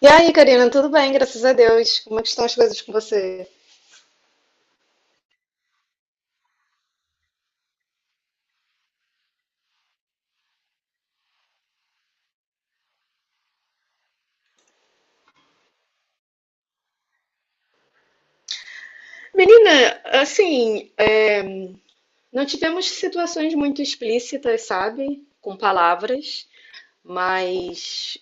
E aí, Karina, tudo bem? Graças a Deus. Como é que estão as coisas com você? Menina, assim, é, não tivemos situações muito explícitas, sabe? Com palavras, mas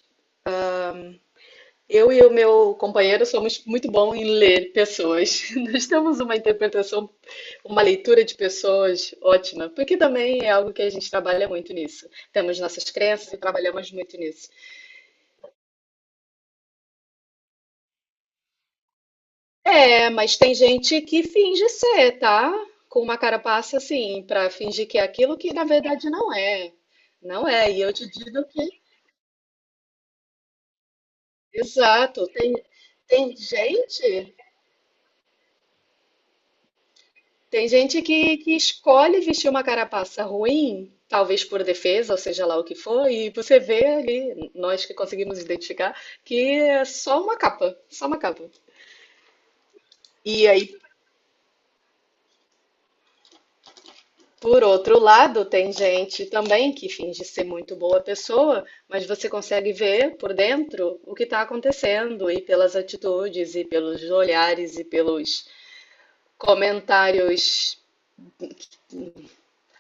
eu e o meu companheiro somos muito bons em ler pessoas. Nós temos uma interpretação, uma leitura de pessoas ótima, porque também é algo que a gente trabalha muito nisso. Temos nossas crenças e trabalhamos muito nisso. É, mas tem gente que finge ser, tá? Com uma carapaça assim, pra fingir que é aquilo que na verdade não é. Não é. E eu te digo que, exato, tem gente, tem gente que escolhe vestir uma carapaça ruim, talvez por defesa, ou seja lá o que for, e você vê ali, nós que conseguimos identificar, que é só uma capa, só uma capa. E aí Por outro lado, tem gente também que finge ser muito boa pessoa, mas você consegue ver por dentro o que está acontecendo, e pelas atitudes, e pelos olhares, e pelos comentários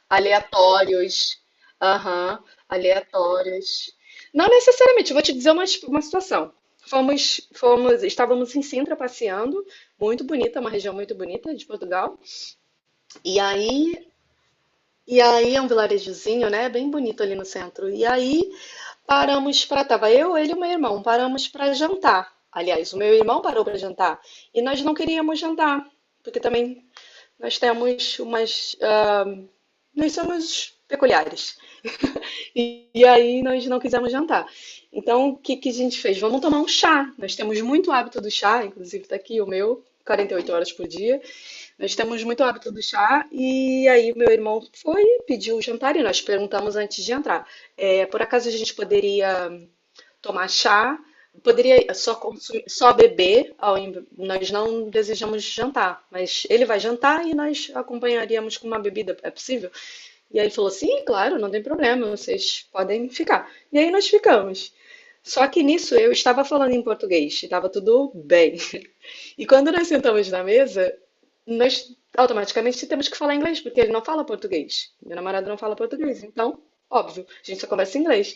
aleatórios. Aham, aleatórios. Não necessariamente, eu vou te dizer uma situação. Estávamos em Sintra passeando, muito bonita, uma região muito bonita de Portugal. E aí, e aí, é um vilarejozinho, né? Bem bonito ali no centro. E aí Paramos para, tava eu, ele e o meu irmão, paramos para jantar. Aliás, o meu irmão parou para jantar e nós não queríamos jantar, porque também nós temos umas, ah, nós somos peculiares. E aí nós não quisemos jantar. Então, o que que a gente fez? Vamos tomar um chá. Nós temos muito hábito do chá, inclusive está aqui o meu, 48 horas por dia. Nós temos muito hábito do chá e aí meu irmão foi, pediu o jantar e nós perguntamos antes de entrar. É, por acaso a gente poderia tomar chá, poderia só consumir, só beber, nós não desejamos jantar, mas ele vai jantar e nós acompanharíamos com uma bebida, é possível? E aí ele falou, sim, claro, não tem problema, vocês podem ficar. E aí nós ficamos. Só que nisso eu estava falando em português, estava tudo bem. E quando nós sentamos na mesa, nós automaticamente temos que falar inglês, porque ele não fala português. Meu namorado não fala português, então, óbvio, a gente só conversa em inglês.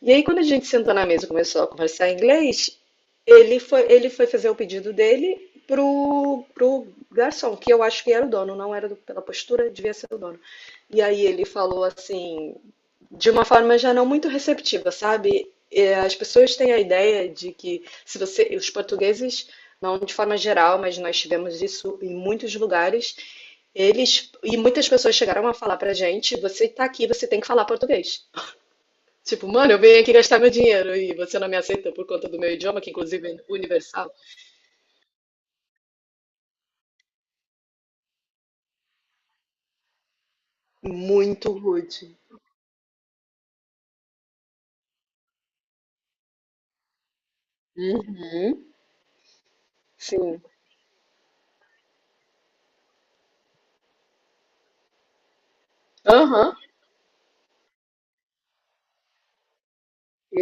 E aí, quando a gente sentou na mesa e começou a conversar em inglês, ele foi fazer o pedido dele pro garçom, que eu acho que era o dono, não era do- pela postura, devia ser o dono. E aí ele falou assim, de uma forma já não muito receptiva, sabe? As pessoas têm a ideia de que se você, os portugueses, não de forma geral, mas nós tivemos isso em muitos lugares, eles e muitas pessoas chegaram a falar pra gente, você tá aqui, você tem que falar português. Tipo, mano, eu venho aqui gastar meu dinheiro e você não me aceita por conta do meu idioma, que inclusive é universal. Muito rude. Uhum. Sim. Aham.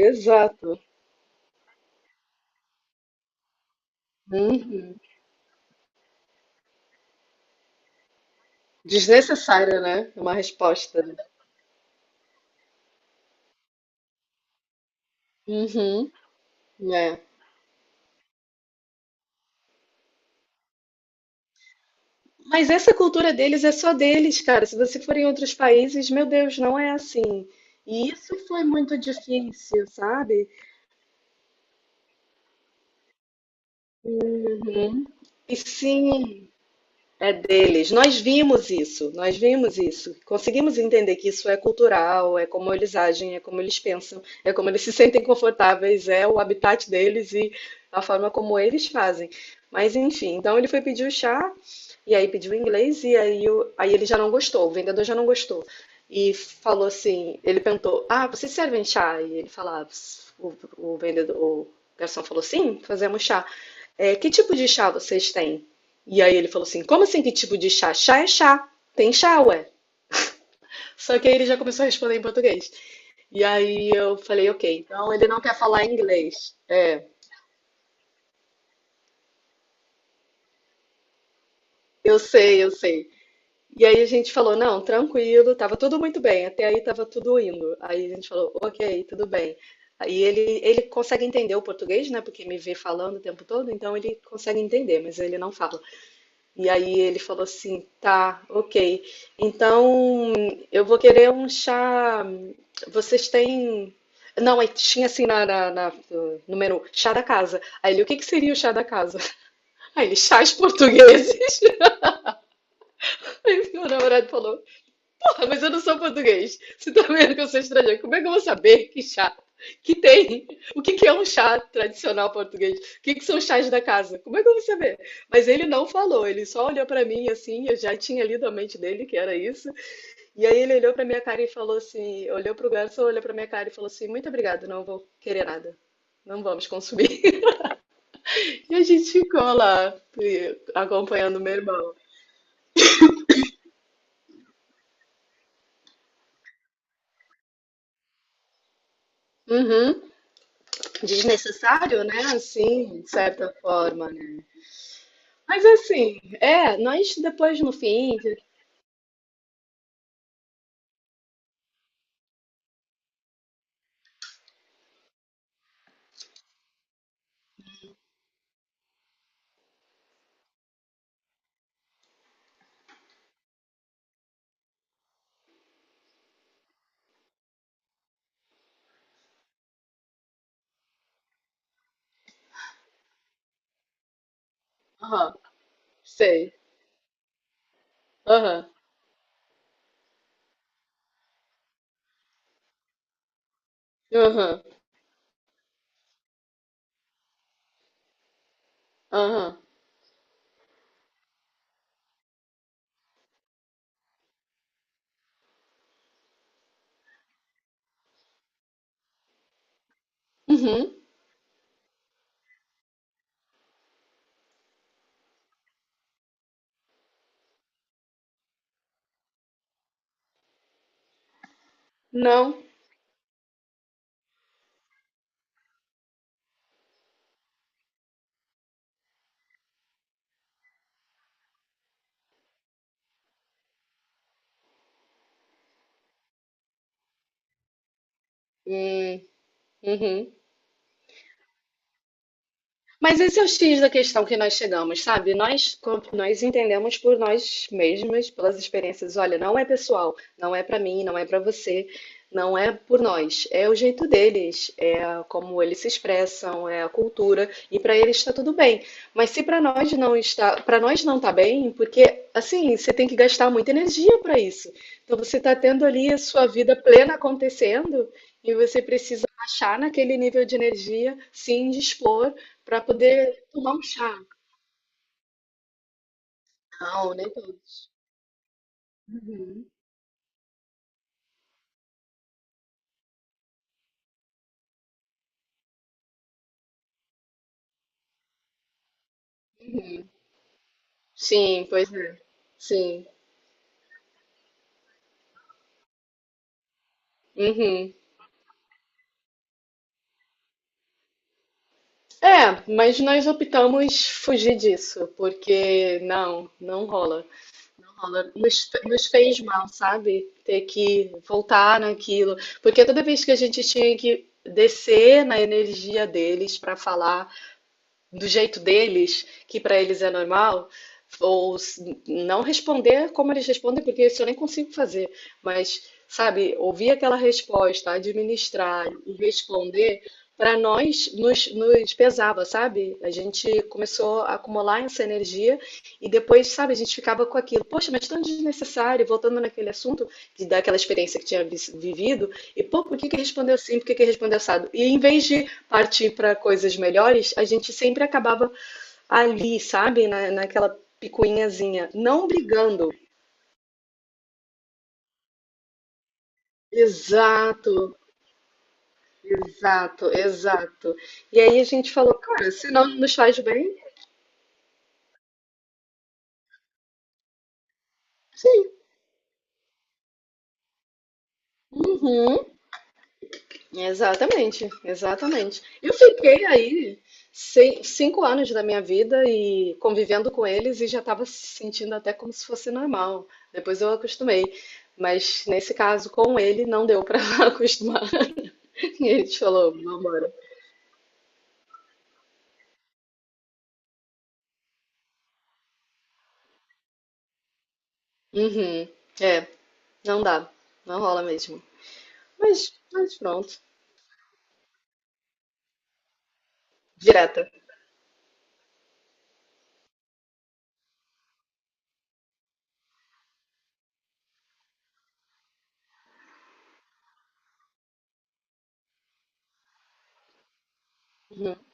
Exato. Uhum. Desnecessária, né? Uma resposta. Né? Uhum. É. Mas essa cultura deles é só deles, cara. Se você for em outros países, meu Deus, não é assim. E isso foi muito difícil, sabe? Uhum. E sim, deles. Nós vimos isso, nós vimos isso. Conseguimos entender que isso é cultural, é como eles agem, é como eles pensam, é como eles se sentem confortáveis, é o habitat deles e a forma como eles fazem. Mas enfim, então ele foi pedir o chá e aí pediu inglês e aí, aí ele já não gostou, o vendedor já não gostou. E falou assim, ele perguntou, ah, vocês servem chá? E ele falava, o vendedor, o garçom falou, sim, fazemos chá. É, que tipo de chá vocês têm? E aí ele falou assim: como assim? Que tipo de chá? Chá é chá. Tem chá, ué. Só que aí ele já começou a responder em português. E aí eu falei: ok, então ele não quer falar inglês. É, eu sei, eu sei. E aí a gente falou: não, tranquilo, tava tudo muito bem. Até aí tava tudo indo. Aí a gente falou: ok, tudo bem. E ele consegue entender o português, né? Porque me vê falando o tempo todo, então ele consegue entender, mas ele não fala. E aí ele falou assim, tá, ok. Então eu vou querer um chá. Vocês têm. Não, aí tinha assim no menu, chá da casa. Aí ele, o que que seria o chá da casa? Aí ele, chás portugueses. Aí meu namorado falou, ah, mas eu não sou português. Você tá vendo que eu sou estrangeiro. Como é que eu vou saber que chá que tem? O que que é um chá tradicional português? O que que são os chás da casa? Como é que eu vou saber? Mas ele não falou, ele só olhou pra mim assim, eu já tinha lido a mente dele que era isso. E aí ele olhou pra minha cara e falou assim, olhou pro garçom, olhou pra minha cara e falou assim: "Muito obrigado, não vou querer nada. Não vamos consumir". E a gente ficou lá acompanhando meu irmão. Uhum. Desnecessário, né? Assim, de certa forma, né? Mas assim, é, nós depois no fim. Aham, sei. Aham, aham, aham. Uhum, não. Hum, uhum. Mas esse é o X da questão que nós chegamos, sabe? Nós entendemos por nós mesmas, pelas experiências. Olha, não é pessoal, não é pra mim, não é pra você, não é por nós. É o jeito deles, é como eles se expressam, é a cultura e pra eles está tudo bem. Mas se pra nós não está, para nós não tá bem, porque assim você tem que gastar muita energia pra isso. Então você tá tendo ali a sua vida plena acontecendo e você precisa achar naquele nível de energia, se indispor para poder tomar um chá. Não, nem todos. Uhum. Sim, pois é. Sim. Uhum. É, mas nós optamos fugir disso, porque não, não rola. Não rola. Nos, nos fez mal, sabe? Ter que voltar naquilo. Porque toda vez que a gente tinha que descer na energia deles para falar. Do jeito deles, que para eles é normal, ou s- não responder como eles respondem, porque isso eu nem consigo fazer, mas, sabe, ouvir aquela resposta, administrar e responder, para nós nos pesava, sabe? A gente começou a acumular essa energia e depois, sabe, a gente ficava com aquilo, poxa, mas tão desnecessário, voltando naquele assunto de daquela experiência que tinha vivido, e pô, por que que respondeu assim, por que que respondeu assado? E em vez de partir para coisas melhores, a gente sempre acabava ali, sabe? Na, naquela picuinhazinha, não brigando. Exato, exato, exato. E aí a gente falou, cara, se não nos faz bem, sim. Uhum, exatamente, exatamente. Eu fiquei aí 5 anos da minha vida e convivendo com eles e já estava se sentindo até como se fosse normal. Depois eu acostumei. Mas nesse caso, com ele, não deu para acostumar. E ele te falou, vambora. Uhum. É, não dá. Não rola mesmo. Mas pronto. Direta. Uhum.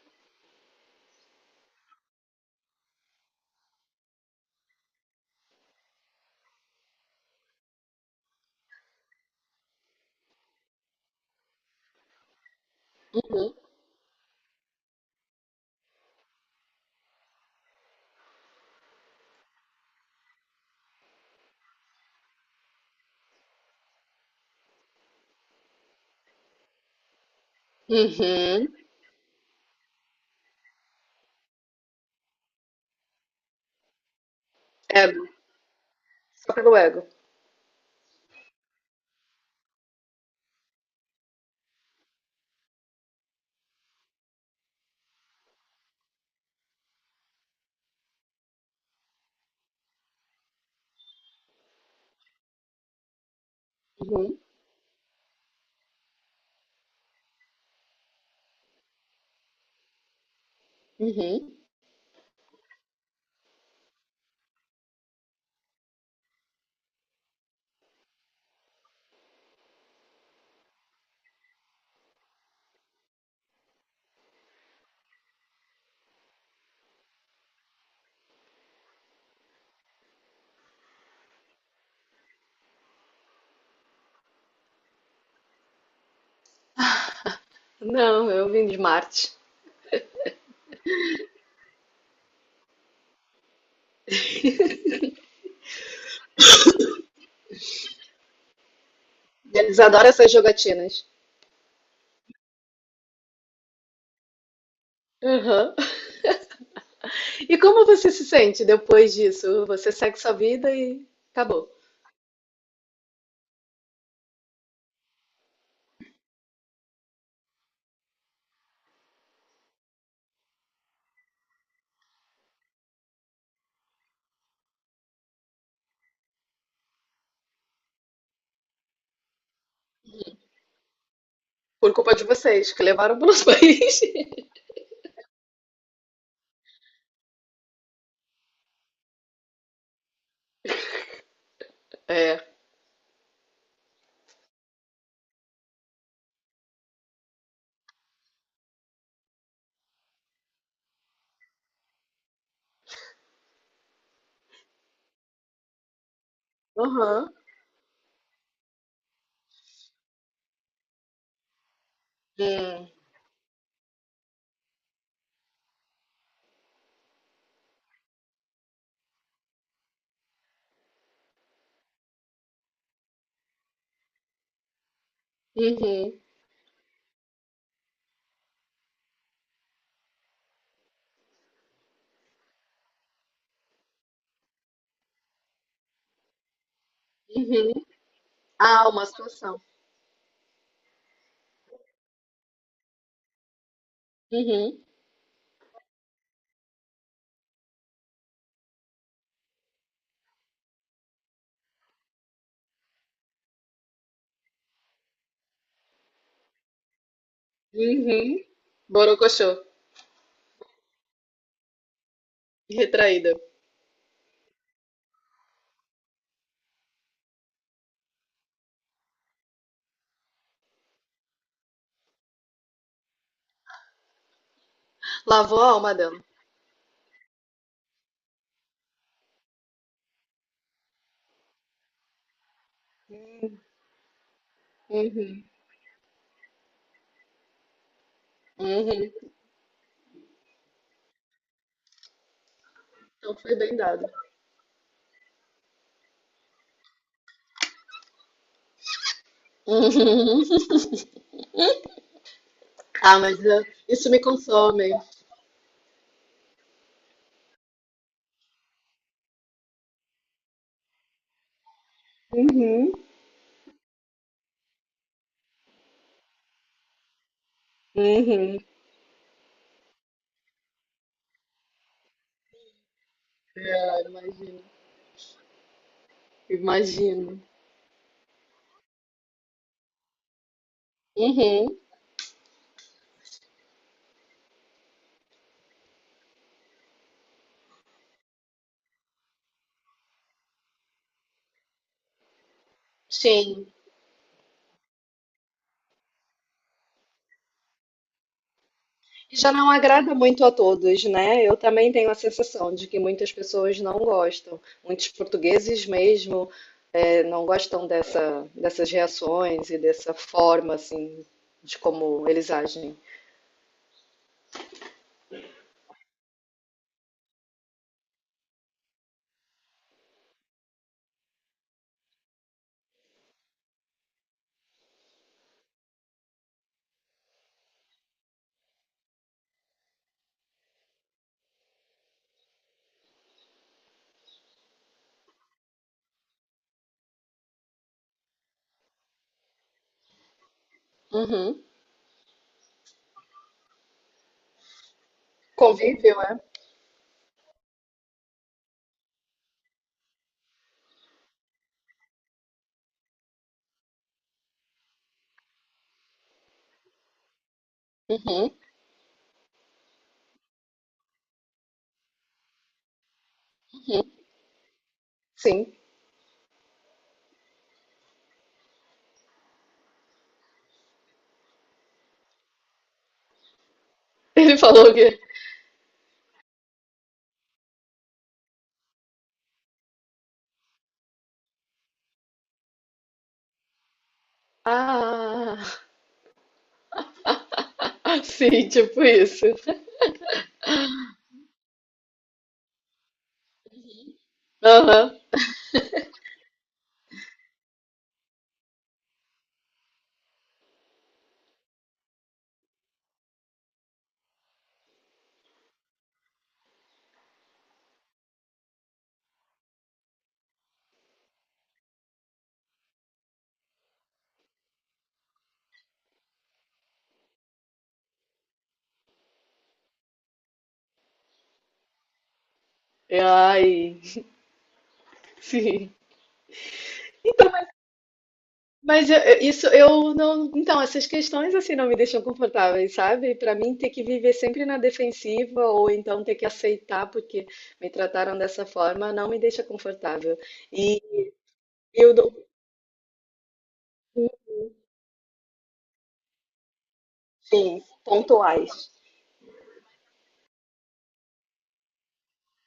Uhum. Ego. Só pelo ego. Uhum. Uhum. Não, eu vim de Marte. Eles adoram essas jogatinas. Uhum. E como você se sente depois disso? Você segue sua vida e acabou. Por culpa de vocês, que levaram para os países. É. Uhum. Hum. Uhum. Uhum. Ah, uma situação. Uhum. Uhum. Borocochô. Retraída. Lavou a alma dela. Uhum. Uhum. Então foi bem dado. Uhum. Ah, mas ah, isso me consome. Uhum. Uhum. Cara, imagi- Imagino. Uhum. Sim. E já não agrada muito a todos, né? Eu também tenho a sensação de que muitas pessoas não gostam. Muitos portugueses mesmo não gostam dessa, dessas reações e dessa forma, assim, de como eles agem. Uhum. Convívio, é? Uhum. Sim. Ele falou que. Ah, sim tipo isso. Aham. Eu, Ai, sim. Isso eu não. Então, essas questões assim não me deixam confortáveis, sabe? Pra mim, ter que viver sempre na defensiva ou então ter que aceitar porque me trataram dessa forma não me deixa confortável. E eu dou, enfim, pontuais.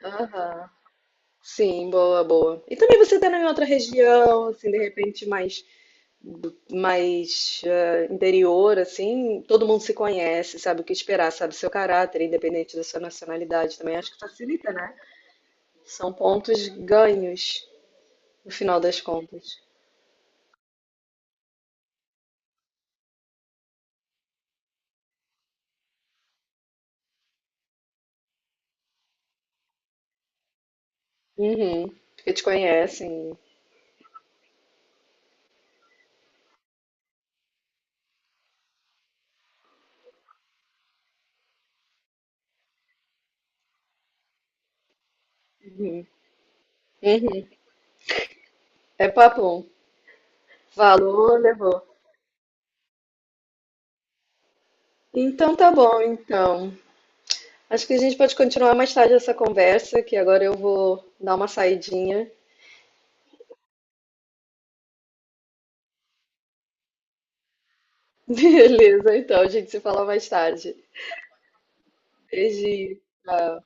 Aham. Sim, boa, boa. E também você tá em outra região, assim, de repente mais interior, assim, todo mundo se conhece, sabe o que esperar, sabe seu caráter, independente da sua nacionalidade também. Acho que facilita, né? São pontos ganhos, no final das contas. Uhum. Porque te conhecem. Uhum. Uhum. É papo. Valor, levou. Então tá bom, então. Acho que a gente pode continuar mais tarde essa conversa, que agora eu vou dar uma saidinha. Beleza, então, a gente se fala mais tarde. Beijinho. Tchau.